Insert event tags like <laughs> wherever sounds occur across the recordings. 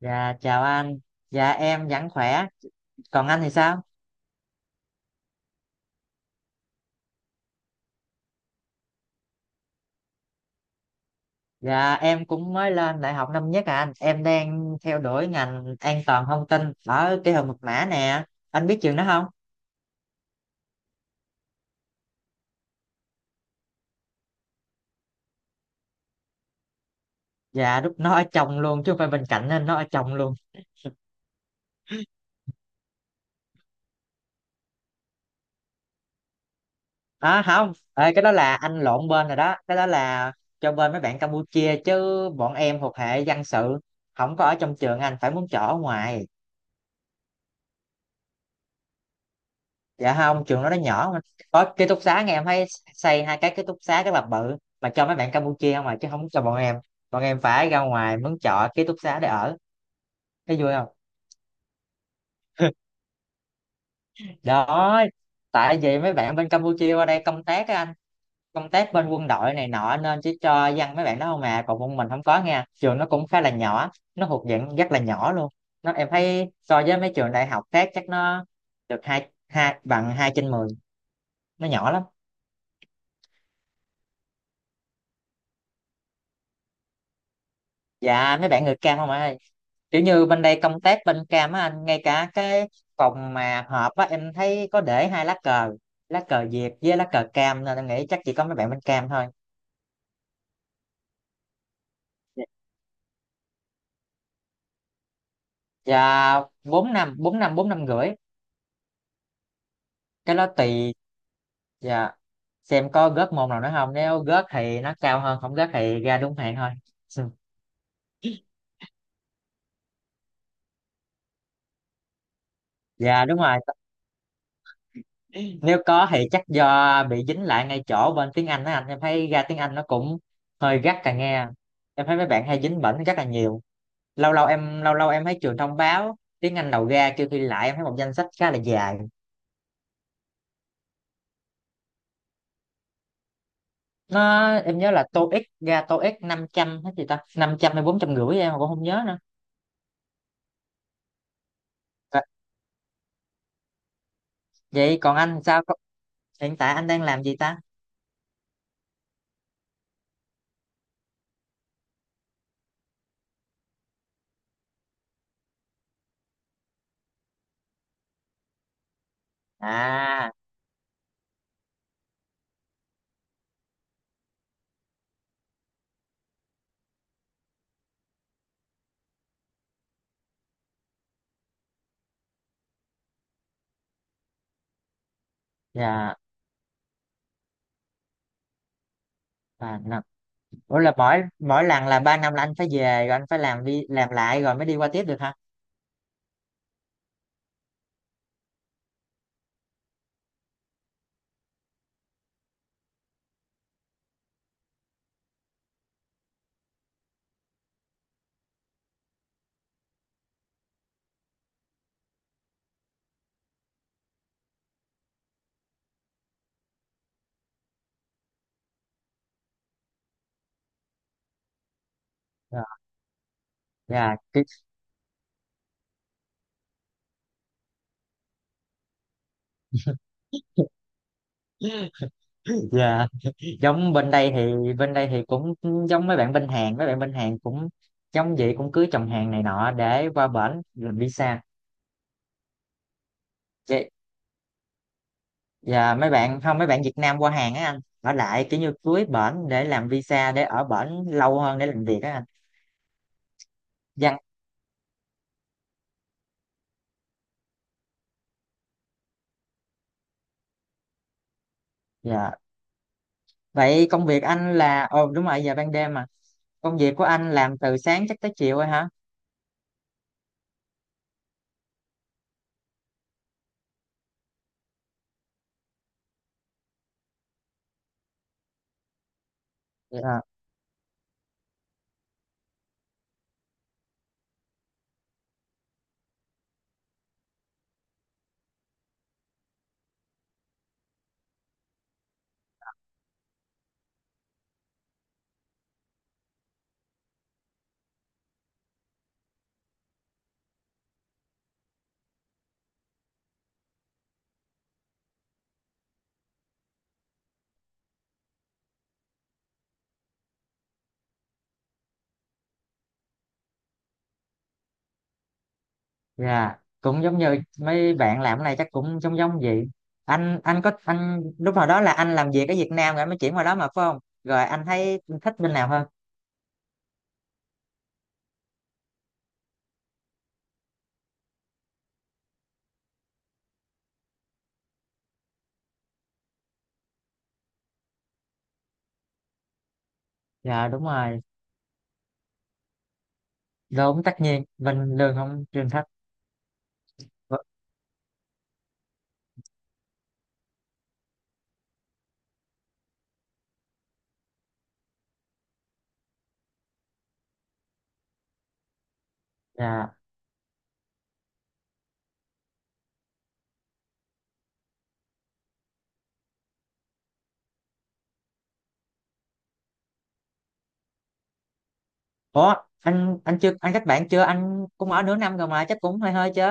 Dạ chào anh, dạ em vẫn khỏe, còn anh thì sao? Dạ em cũng mới lên đại học năm nhất à anh, em đang theo đuổi ngành an toàn thông tin ở kỹ thuật mật mã nè, anh biết trường đó không? Dạ lúc nó ở chồng luôn chứ không phải bên cạnh nên nó ở chồng luôn. À không, ê, cái đó là anh lộn bên rồi đó, cái đó là cho bên mấy bạn Campuchia chứ bọn em thuộc hệ dân sự, không có ở trong trường anh, phải muốn chỗ ở ngoài. Dạ không, trường đó nó nhỏ mà có ký túc xá, nghe em thấy xây hai cái ký túc xá rất là bự mà cho mấy bạn Campuchia không mà, chứ không cho bọn em, bọn em phải ra ngoài mướn trọ ký túc xá để ở, thấy vui không. Đó, tại vì mấy bạn bên Campuchia qua đây công tác á anh, công tác bên quân đội này nọ nên chỉ cho dân mấy bạn đó không à, còn bọn mình không có nha, trường nó cũng khá là nhỏ, nó thuộc dạng rất là nhỏ luôn, nó em thấy so với mấy trường đại học khác chắc nó được hai, hai bằng hai trên mười, nó nhỏ lắm. Dạ mấy bạn người cam không ạ, kiểu như bên đây công tác bên cam á anh, ngay cả cái phòng mà họp á em thấy có để hai lá cờ, lá cờ Việt với lá cờ cam, nên em nghĩ chắc chỉ có mấy bạn bên cam thôi. Dạ 4 năm, 4 năm, 4 năm rưỡi Cái đó tùy, dạ, xem có gớt môn nào nữa không, nếu gớt thì nó cao hơn, không gớt thì ra đúng hạn thôi <laughs> Ừ. Dạ đúng rồi, nếu có thì chắc do bị dính lại ngay chỗ bên tiếng Anh á anh, em thấy ra tiếng Anh nó cũng hơi gắt càng nghe, em thấy mấy bạn hay dính bẩn rất là nhiều, lâu lâu em thấy trường thông báo tiếng Anh đầu ra kêu thi lại, em thấy một danh sách khá là dài. Nó em nhớ là TOEIC ra tô ích 500, hết gì ta, 500 hay 450 em mà cũng không nhớ nữa. Ờ, vậy còn anh sao hiện tại anh đang làm gì ta? À dạ 3 năm. Ủa là mỗi mỗi lần là 3 năm là anh phải về rồi anh phải làm đi làm lại rồi mới đi qua tiếp được hả? Dạ. Dạ. <laughs> Dạ giống bên đây, thì cũng giống mấy bạn bên Hàn, cũng giống vậy, cũng cưới chồng Hàn này nọ để qua bển làm visa. Vậy- và mấy bạn không, mấy bạn Việt Nam qua Hàn á anh, ở lại kiểu như cưới bển để làm visa để ở bển lâu hơn để làm việc á anh. Dạ. Dạ vậy công việc anh là, ồ đúng rồi giờ ban đêm mà, công việc của anh làm từ sáng chắc tới chiều rồi hả? Dạ. Dạ, cũng giống như mấy bạn làm cái này chắc cũng giống giống vậy. Anh có lúc nào đó là anh làm việc ở Việt Nam rồi anh mới chuyển qua đó mà phải không? Rồi anh thấy thích bên nào hơn? Dạ đúng rồi, đúng tất nhiên bên lương không trên thích. Dạ. Ủa, anh chưa kết bạn chưa? Anh cũng ở nửa năm rồi mà chắc cũng hơi hơi chứ.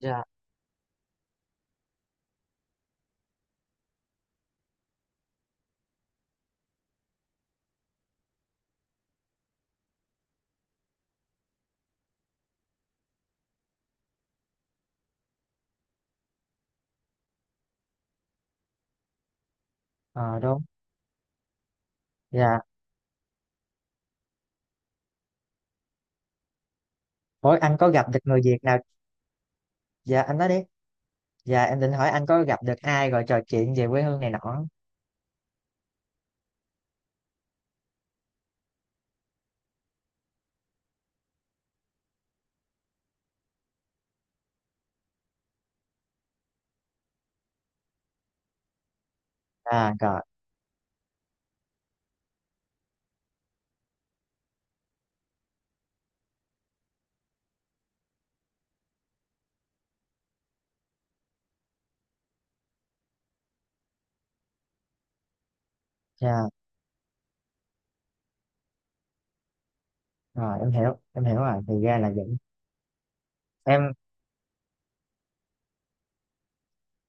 Dạ. Ờ đúng. Dạ. Ủa anh có gặp được người Việt nào? Dạ anh nói đi. Dạ em định hỏi anh có gặp được ai rồi trò chuyện về quê hương này nọ. À rồi. Dạ. Rồi em hiểu rồi, thì ra là vậy. Em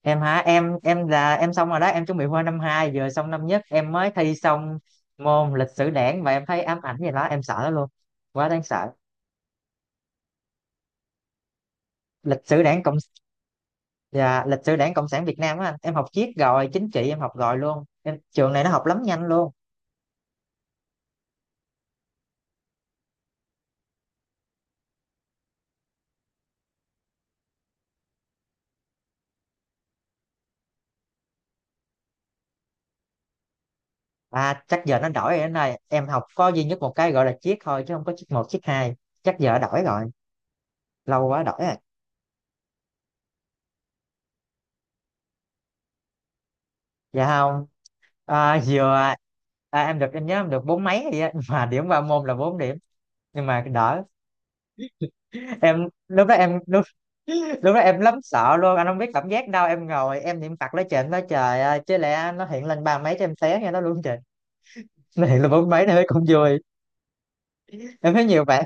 em hả em là em xong rồi đó, em chuẩn bị qua năm hai, vừa xong năm nhất em mới thi xong môn lịch sử đảng và em thấy ám ảnh gì đó, em sợ nó luôn, quá đáng sợ. Lịch sử đảng cộng, dạ, lịch sử đảng cộng sản Việt Nam á anh, em học triết rồi chính trị em học rồi luôn, em trường này nó học lắm nhanh luôn. À chắc giờ nó đổi rồi anh ơi, em học có duy nhất một cái gọi là triết thôi chứ không có triết một triết hai, chắc giờ đổi rồi, lâu quá đổi rồi. Dạ không. à, vừa em được em nhớ em được bốn mấy gì á <laughs> mà điểm ba môn là bốn điểm, nhưng mà đỡ. Em lúc đó em lúc, lúc đó em lắm sợ luôn anh không biết cảm giác đâu, em ngồi em niệm Phật lấy trên nói trời ơi chứ lẽ nó hiện lên ba mấy cho em té nghe nó luôn, trời. <laughs> Nó hiện lên bốn mấy nó thấy cũng vui. Em thấy nhiều bạn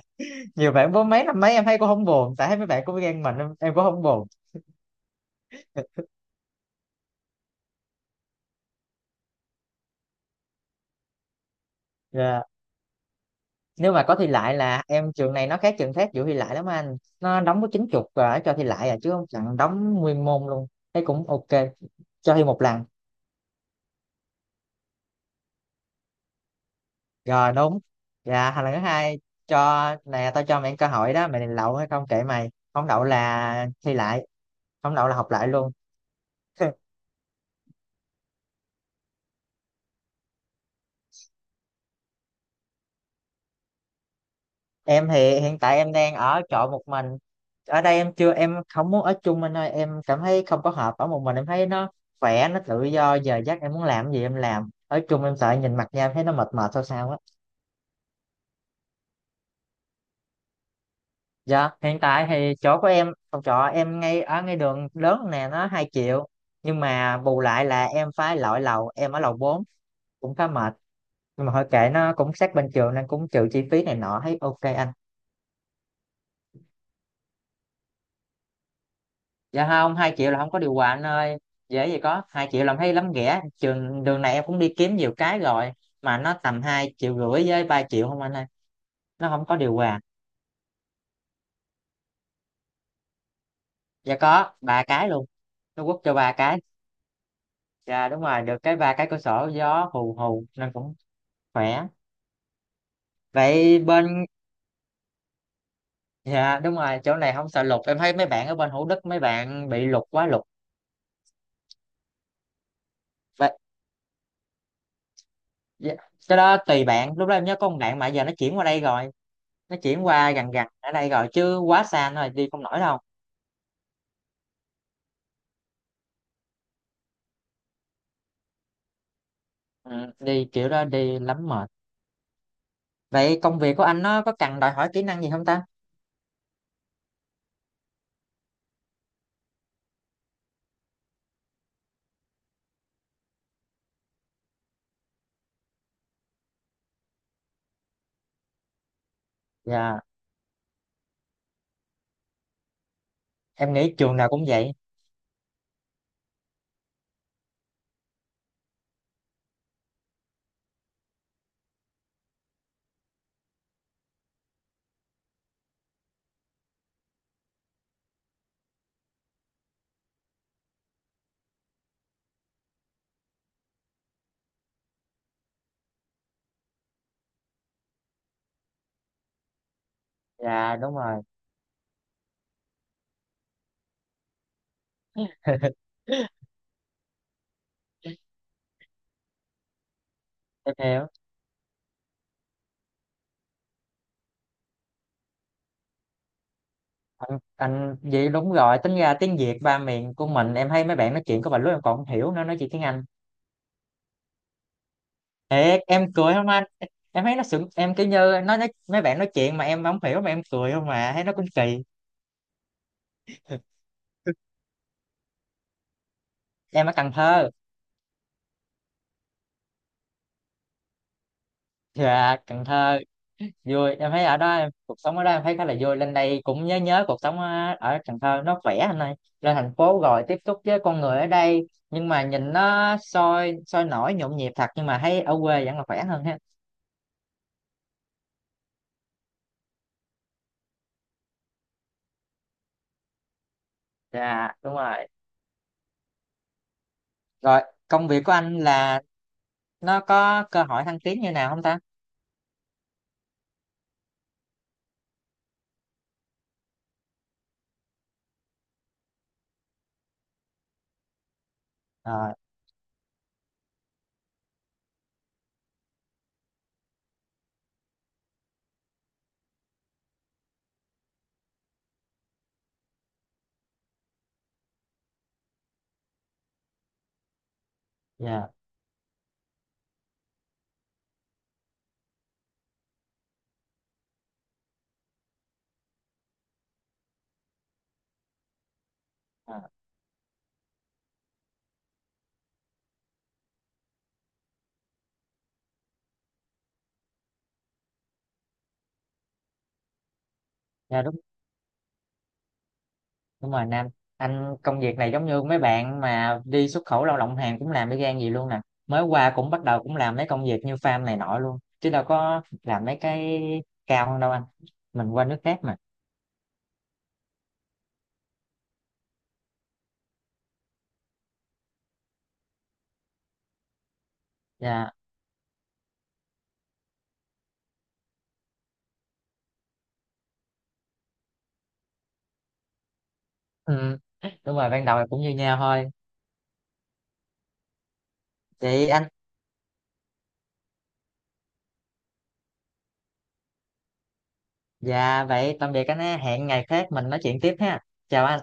nhiều bạn bốn mấy năm mấy em thấy cũng không buồn, tại thấy mấy bạn cũng ghen mình em cũng không buồn. Dạ. Nếu mà có thi lại là em, trường này nó khác trường khác vụ thi lại lắm anh, nó đóng có 90 rồi cho thi lại à, chứ không chẳng đóng nguyên môn luôn, thấy cũng ok cho thi một lần. Rồi đúng. Dạ hành lần thứ hai, cho nè, tao cho mày cơ hội đó, mày định đậu hay không kệ mày. Không đậu là thi lại, không đậu là học lại luôn. <laughs> Em thì hiện tại em đang ở trọ một mình. Ở đây em chưa, em không muốn ở chung anh ơi, em cảm thấy không có hợp, ở một mình em thấy nó khỏe, nó tự do, giờ giấc em muốn làm gì em làm. Ở chung em sợ nhìn mặt nhau em thấy nó mệt mệt sao sao á. Dạ, hiện tại thì chỗ của em, phòng trọ em ngay ở ngay đường lớn nè, nó 2 triệu. Nhưng mà bù lại là em phải lội lầu, em ở lầu 4, cũng khá mệt, nhưng mà thôi kệ, nó cũng sát bên trường nên cũng trừ chi phí này nọ thấy ok anh. Dạ không, 2 triệu là không có điều hòa anh ơi, dễ gì có, 2 triệu làm thấy lắm ghẻ, trường đường này em cũng đi kiếm nhiều cái rồi mà nó tầm 2 triệu rưỡi với 3 triệu không anh ơi, nó không có điều hòa. Dạ có 3 cái luôn. Nó quất cho 3 cái, dạ đúng rồi, được cái 3 cái cửa sổ gió hù hù nên cũng khỏe. Vậy bên, dạ đúng rồi chỗ này không sợ lụt, em thấy mấy bạn ở bên Hữu Đức mấy bạn bị lụt, quá lụt. Vậy, dạ, cái đó tùy bạn, lúc đó em nhớ có một bạn mà giờ nó chuyển qua đây rồi, nó chuyển qua gần gần ở đây rồi chứ quá xa rồi đi không nổi đâu. Ừ, đi kiểu đó đi lắm mệt. Vậy công việc của anh nó có cần đòi hỏi kỹ năng gì không ta? Dạ em nghĩ trường nào cũng vậy. Dạ đúng rồi. <laughs> Em hiểu. Anh vậy đúng rồi, tính ra tiếng Việt ba miền của mình em thấy mấy bạn nói chuyện có vài lúc em còn không hiểu, nó nói chuyện tiếng Anh. Thiệt, em cười không anh, em thấy nó sững em, kiểu như nó nói, mấy bạn nói chuyện mà em không hiểu mà em cười không mà thấy nó cũng kỳ. Em ở Cần Thơ. Dạ Cần Thơ vui, em thấy ở đó em cuộc sống ở đó em thấy khá là vui, lên đây cũng nhớ nhớ cuộc sống ở, ở Cần Thơ, nó khỏe anh ơi. Lên thành phố rồi tiếp xúc với con người ở đây, nhưng mà nhìn nó sôi sôi nổi nhộn nhịp thật, nhưng mà thấy ở quê vẫn là khỏe hơn ha. Dạ đúng rồi, rồi công việc của anh là nó có cơ hội thăng tiến như nào không ta? Ờ, dạ, à, dạ đúng, đúng rồi Nam, anh công việc này giống như mấy bạn mà đi xuất khẩu lao động Hàn cũng làm y gan gì luôn nè, mới qua cũng bắt đầu cũng làm mấy công việc như farm này nọ luôn chứ đâu có làm mấy cái cao hơn đâu anh, mình qua nước khác mà. Dạ. Ừ. Đúng rồi ban đầu là cũng như nhau thôi. Chị anh. Dạ vậy tạm biệt anh ha, hẹn ngày khác mình nói chuyện tiếp ha, chào anh.